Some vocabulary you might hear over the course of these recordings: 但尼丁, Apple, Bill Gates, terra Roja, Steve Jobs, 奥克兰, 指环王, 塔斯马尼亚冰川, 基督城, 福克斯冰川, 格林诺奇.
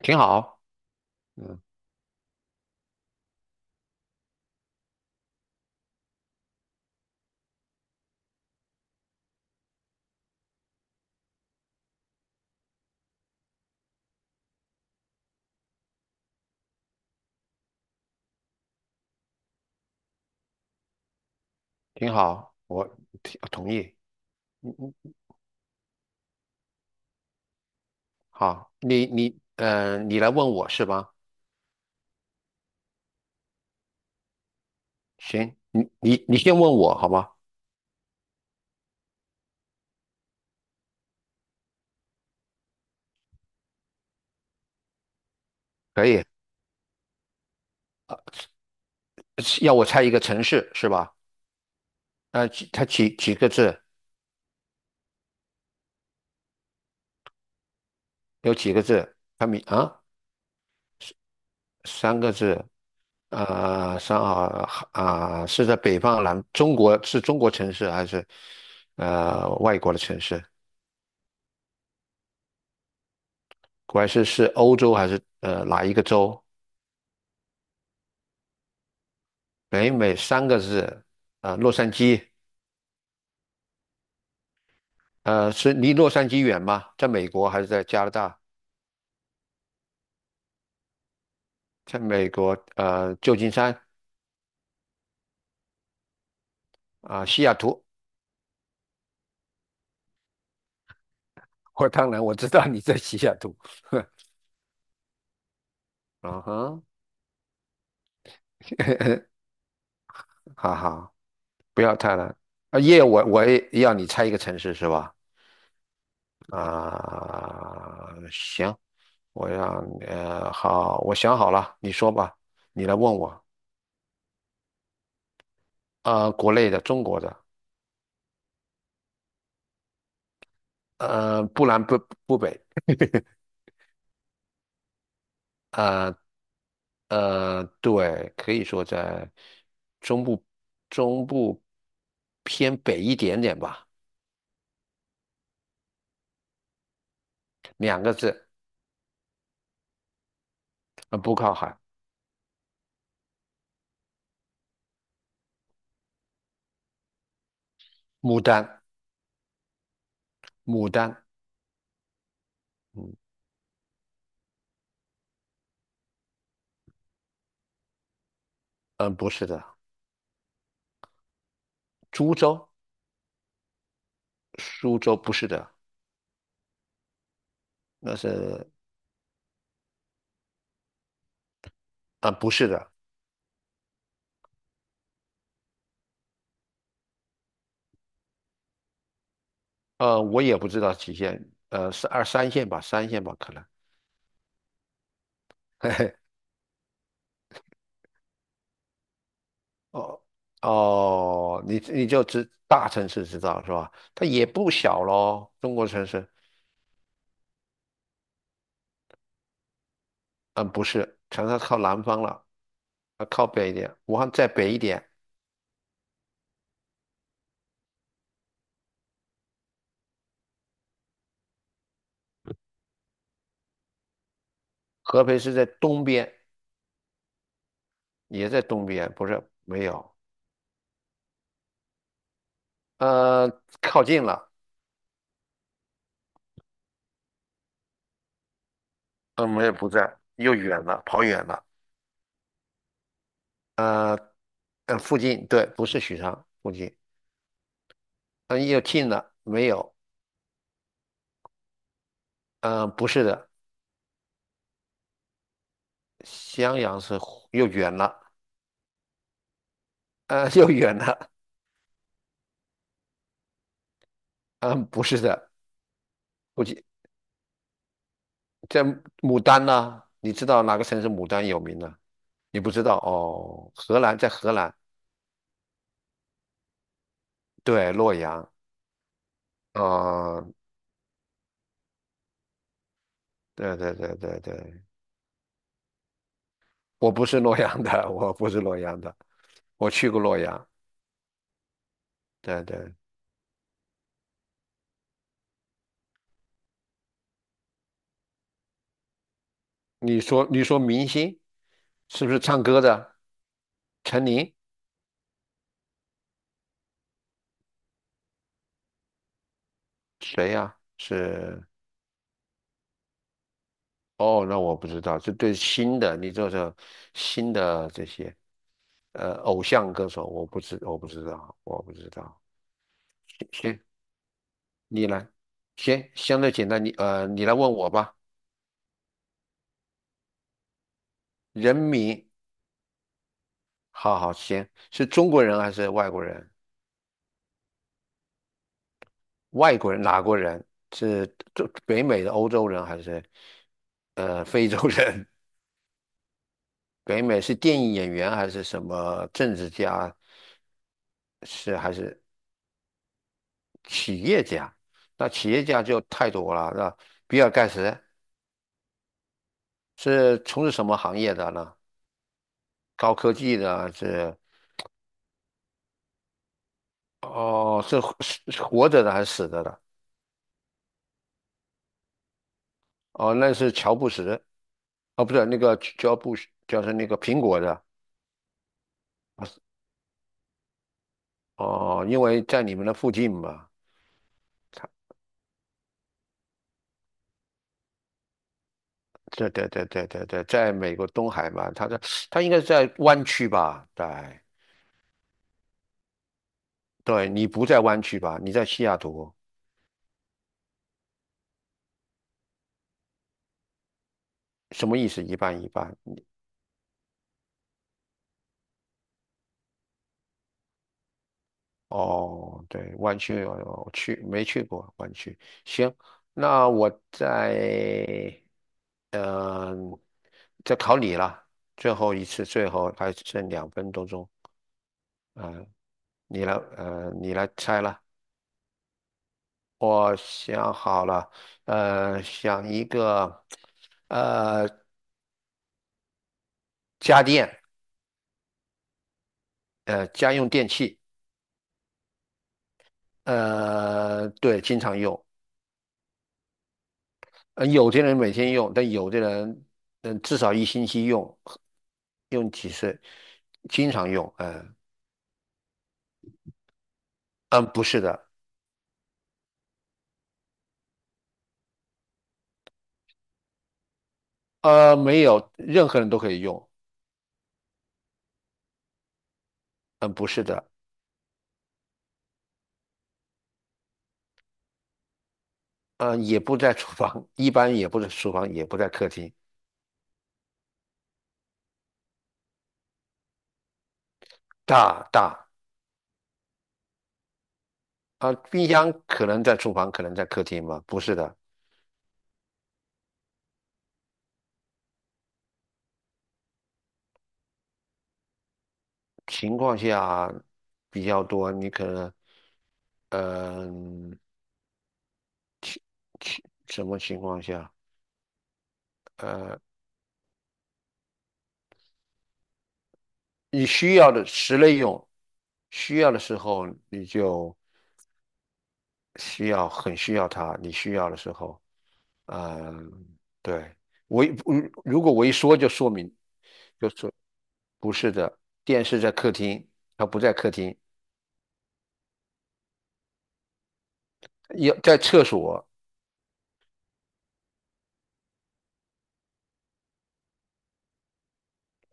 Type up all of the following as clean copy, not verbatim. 挺好，嗯，挺好，我挺同意。嗯嗯，好，你来问我是吧？行，你先问我好吗？可以，呃，要我猜一个城市是吧？它几个字？有几个字？它名啊，三个字。上海啊，是在北方南中国是中国城市还是外国的城市？还是欧洲还是哪一个州？北美三个字，洛杉矶。是离洛杉矶远吗？在美国还是在加拿大？在美国，旧金山啊，西雅图。我当然我知道你在西雅图，嗯哼，好好，不要太难。啊，耶，我也要你猜一个城市是吧？啊、行，我让你呃，好，我想好了，你说吧，你来问我。啊，国内的，中国的，不南不北，啊。对，可以说在中部中部偏北一点点吧，两个字，不靠海。牡丹，牡丹，嗯嗯，不是的，株洲，苏州不是的，那是不是的，我也不知道几线，是二三线吧，三线吧，可能。嘿嘿，哦哦，你你就知大城市知道是吧？它也不小咯，中国城市，嗯，不是，长沙靠南方了。啊，靠北一点，武汉再北一点，合肥是在东边，也在东边，不是，没有，呃，靠近了，嗯，没有，不在，又远了，跑远了，呃，附近，对，不是许昌附近，嗯，又近了，没有，嗯，不是的，襄阳是又远了，又远了，嗯，不是的，不近，在牡丹呢，你知道哪个城市牡丹有名呢？你不知道哦，河南，在河南，对，洛阳。嗯，对对对对对，我不是洛阳的，我去过洛阳。对对，你说明星是不是唱歌的？陈琳谁呀、是哦，那我不知道，这对新的，你这是新的这些偶像歌手，我不知道。行，你来，行，相对简单，你来问我吧。人民，好好行，是中国人还是外国人？外国人哪国人？是中北美的欧洲人还是非洲人？北美是电影演员还是什么政治家？是企业家？那企业家就太多了。那比尔盖茨是从事什么行业的呢？高科技的还是哦，是活着的还是死着的？哦，那是乔布斯，哦，不是那个乔布斯，就是那个苹果的。哦，因为在你们的附近嘛。对对对对对对，在美国东海嘛，他应该是在湾区吧？对对，你不在湾区吧？你在西雅图，什么意思？一半一半。哦，对，湾区我没去过湾区。行，那我在嗯、在考你了，最后一次，最后还剩两分多钟。嗯、你来，你来猜了。我想好了，想一个，呃。家电，家用电器，对，经常用。有的人每天用，但有的人，嗯、至少一星期用，用几次，经常用。嗯、嗯、不是的，没有，任何人都可以用。嗯、不是的，也不在厨房，一般也不是厨房，也不在客厅。大大啊、冰箱可能在厨房，可能在客厅吧。不是的，情况下比较多，你可能，嗯、情什么情况下？呃，你需要的室内用，需要的时候你就需要很需要它，你需要的时候，嗯，对，我一嗯如果我一说就说明就说不是的，电视在客厅，它不在客厅，要在厕所，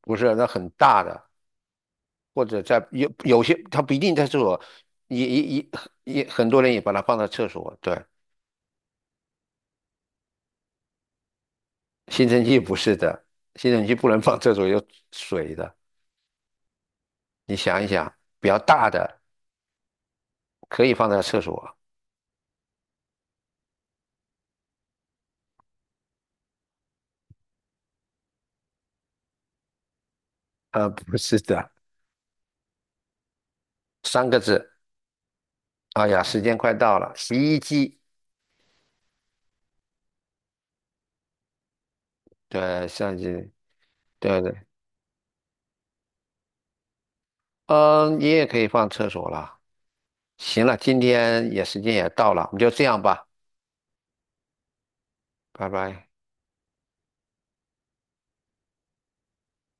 不是那很大的，或者在有些它不一定在厕所，也也也也很多人也把它放在厕所，对。吸尘器不是的，吸尘器不能放厕所,有水的。你想一想，比较大的可以放在厕所。啊，不是的，三个字。哎呀，时间快到了，洗衣机。对，相机，对对。嗯，你也可以放厕所了。行了，今天也时间也到了，我们就这样吧，拜拜。